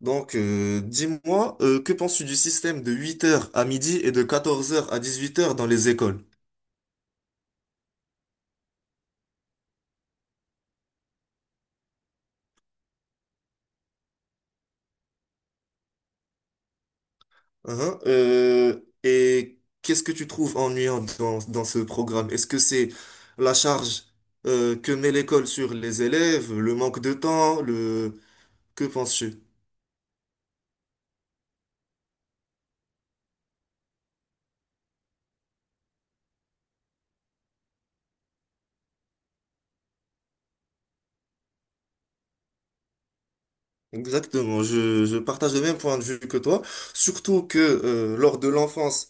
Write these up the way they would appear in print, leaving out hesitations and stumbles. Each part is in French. Donc, dis-moi, que penses-tu du système de 8 heures à midi et de 14 heures à 18 heures dans les écoles? Hein et qu'est-ce que tu trouves ennuyant dans ce programme? Est-ce que c'est la charge que met l'école sur les élèves, le manque de temps, le... Que penses-tu? Exactement, je partage le même point de vue que toi, surtout que lors de l'enfance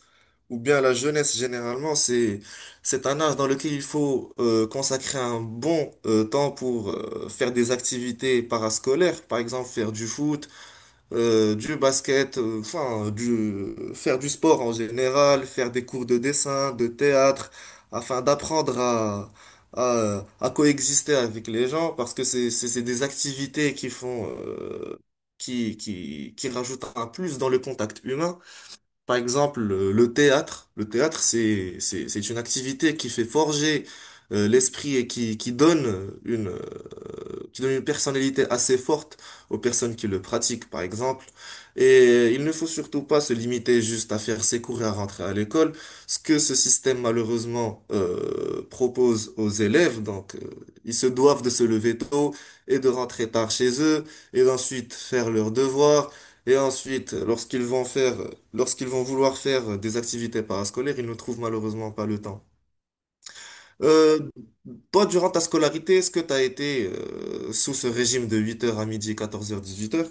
ou bien la jeunesse généralement, c'est un âge dans lequel il faut consacrer un bon temps pour faire des activités parascolaires, par exemple faire du foot, du basket, enfin, faire du sport en général, faire des cours de dessin, de théâtre, afin d'apprendre à coexister avec les gens, parce que c'est des activités qui font, qui rajoutent un plus dans le contact humain. Par exemple, le théâtre, c'est une activité qui fait forger l'esprit et qui donne une personnalité assez forte aux personnes qui le pratiquent, par exemple. Et il ne faut surtout pas se limiter juste à faire ses cours et à rentrer à l'école. Ce que ce système, malheureusement, propose aux élèves, donc, ils se doivent de se lever tôt et de rentrer tard chez eux et d'ensuite faire leurs devoirs et ensuite, lorsqu'ils vont vouloir faire des activités parascolaires, ils ne trouvent malheureusement pas le temps. Euh, Toi, durant ta scolarité, est-ce que tu as été sous ce régime de 8 heures à midi, 14 heures, 18 heures?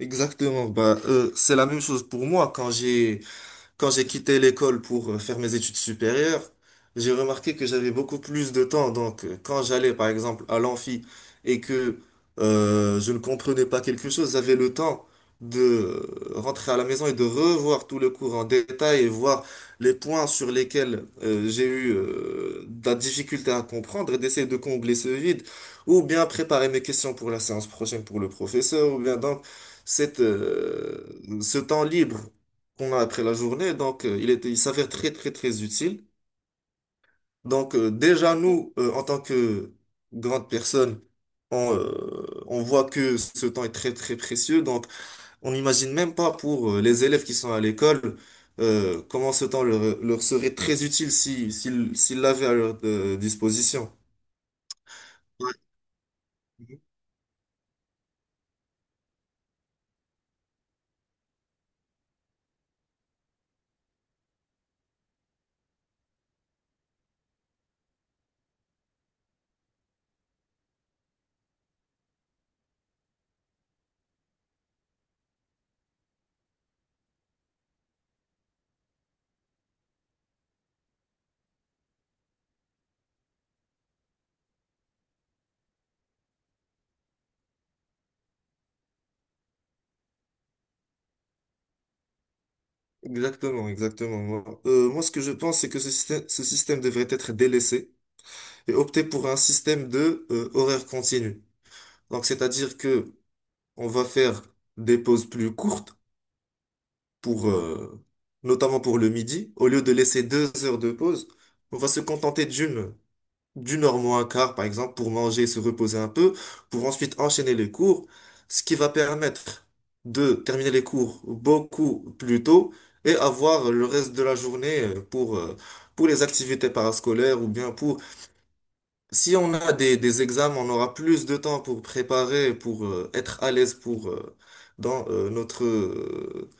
Exactement. C'est la même chose pour moi. Quand j'ai quitté l'école pour faire mes études supérieures, j'ai remarqué que j'avais beaucoup plus de temps. Donc, quand j'allais, par exemple, à l'amphi et que je ne comprenais pas quelque chose, j'avais le temps de rentrer à la maison et de revoir tout le cours en détail et voir les points sur lesquels j'ai eu de la difficulté à comprendre et d'essayer de combler ce vide, ou bien préparer mes questions pour la séance prochaine pour le professeur, ou bien donc cette, euh, ce temps libre qu'on a après la journée. Donc, il s'avère très, très, très utile. Donc, déjà, nous, en tant que grandes personnes, on voit que ce temps est très, très précieux. Donc, on n'imagine même pas pour les élèves qui sont à l'école, comment ce temps leur serait très utile, si, s'ils, s'ils l'avaient à leur disposition. Ouais. Exactement, exactement. Moi, ce que je pense, c'est que ce système devrait être délaissé et opter pour un système de horaire continu. Donc, c'est-à-dire que on va faire des pauses plus courtes pour, notamment pour le midi. Au lieu de laisser 2 heures de pause, on va se contenter d'une heure moins un quart, par exemple, pour manger et se reposer un peu, pour ensuite enchaîner les cours, ce qui va permettre de terminer les cours beaucoup plus tôt et avoir le reste de la journée pour les activités parascolaires ou bien pour, si on a des examens, on aura plus de temps pour préparer, pour être à l'aise pour dans euh, notre euh,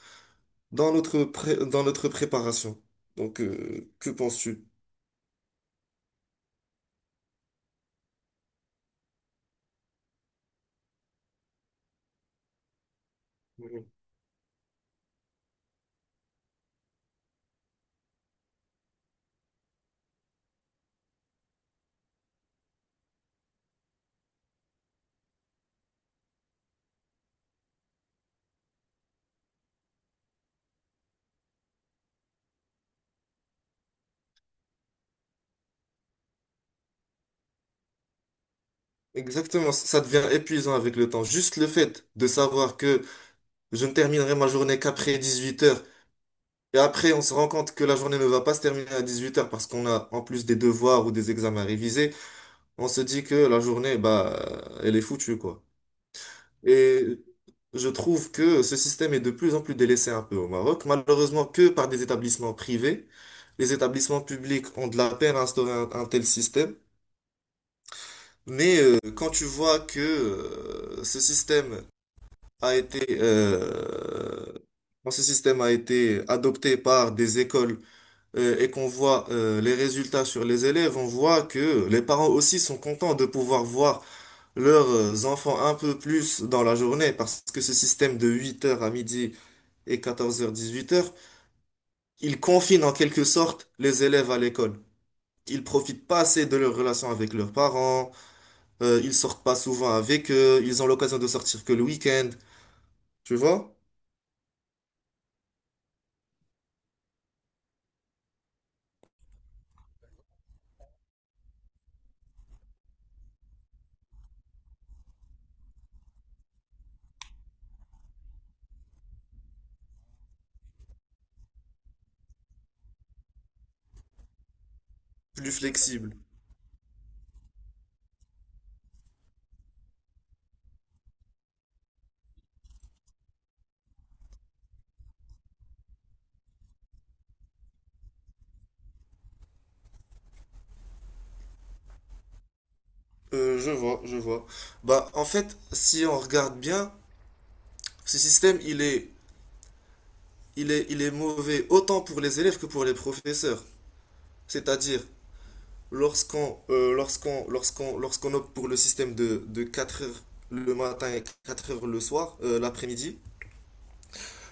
dans notre préparation. Donc, que penses-tu? Mhm. Exactement, ça devient épuisant avec le temps. Juste le fait de savoir que je ne terminerai ma journée qu'après 18 heures, et après on se rend compte que la journée ne va pas se terminer à 18 heures parce qu'on a en plus des devoirs ou des examens à réviser. On se dit que la journée, bah, elle est foutue, quoi. Et je trouve que ce système est de plus en plus délaissé, un peu au Maroc, malheureusement, que par des établissements privés. Les établissements publics ont de la peine à instaurer un tel système. Mais quand tu vois que ce système a été, quand ce système a été adopté par des écoles et qu'on voit les résultats sur les élèves, on voit que les parents aussi sont contents de pouvoir voir leurs enfants un peu plus dans la journée, parce que ce système de 8 heures à midi et 14 heures 18 heures, il confine en quelque sorte les élèves à l'école. Ils profitent pas assez de leur relation avec leurs parents, ils sortent pas souvent avec eux, ils ont l'occasion de sortir que le week-end, tu vois? Plus flexible. Je vois, je vois. Bah, en fait, si on regarde bien, ce système, il est il est mauvais autant pour les élèves que pour les professeurs. C'est-à-dire, lorsqu'on opte pour le système de 4 heures le matin et 4 heures le soir, l'après-midi,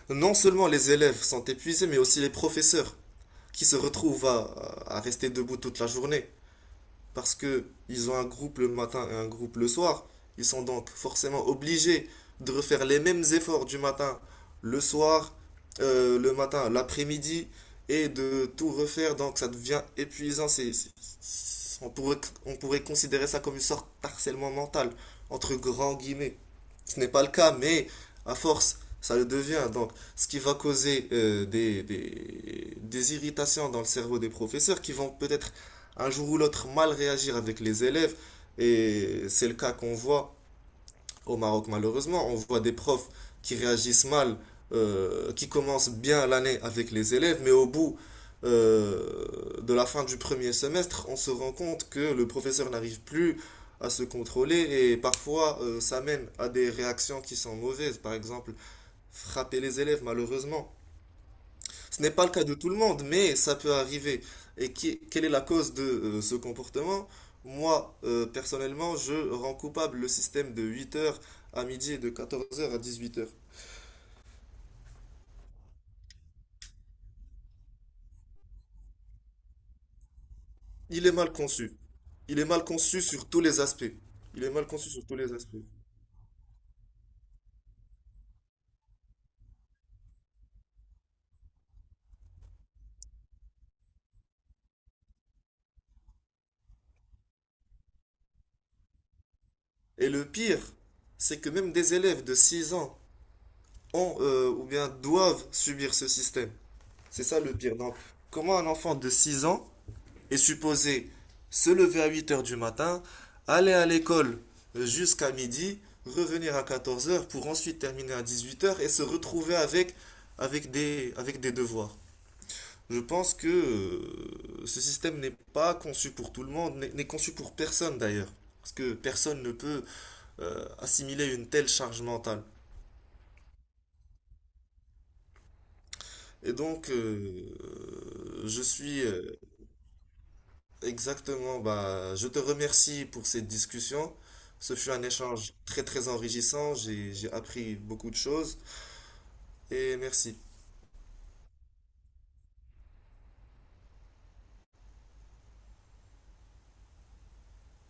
non seulement les élèves sont épuisés, mais aussi les professeurs qui se retrouvent à rester debout toute la journée. Parce que ils ont un groupe le matin et un groupe le soir. Ils sont donc forcément obligés de refaire les mêmes efforts du matin, le soir, l'après-midi, et de tout refaire. Donc ça devient épuisant. On on pourrait considérer ça comme une sorte d'harcèlement mental, entre grands guillemets. Ce n'est pas le cas, mais à force, ça le devient. Donc, ce qui va causer des irritations dans le cerveau des professeurs qui vont peut-être un jour ou l'autre mal réagir avec les élèves. Et c'est le cas qu'on voit au Maroc, malheureusement. On voit des profs qui réagissent mal, qui commencent bien l'année avec les élèves, mais au bout euh, de la fin du premier semestre, on se rend compte que le professeur n'arrive plus à se contrôler, et parfois ça mène à des réactions qui sont mauvaises. Par exemple, frapper les élèves, malheureusement. Ce n'est pas le cas de tout le monde, mais ça peut arriver. Et quelle est la cause de ce comportement? Personnellement, je rends coupable le système de 8 heures à midi et de 14 heures à 18 heures. Il est mal conçu. Il est mal conçu sur tous les aspects. Il est mal conçu sur tous les aspects. Et le pire, c'est que même des élèves de 6 ans ont ou bien doivent subir ce système. C'est ça le pire. Donc, comment un enfant de 6 ans est supposé se lever à 8 heures du matin, aller à l'école jusqu'à midi, revenir à 14 heures pour ensuite terminer à 18 heures et se retrouver avec des devoirs? Je pense que ce système n'est pas conçu pour tout le monde, n'est conçu pour personne d'ailleurs. Parce que personne ne peut assimiler une telle charge mentale. Et donc, je suis exactement, bah, je te remercie pour cette discussion. Ce fut un échange très très enrichissant, j'ai appris beaucoup de choses, et merci.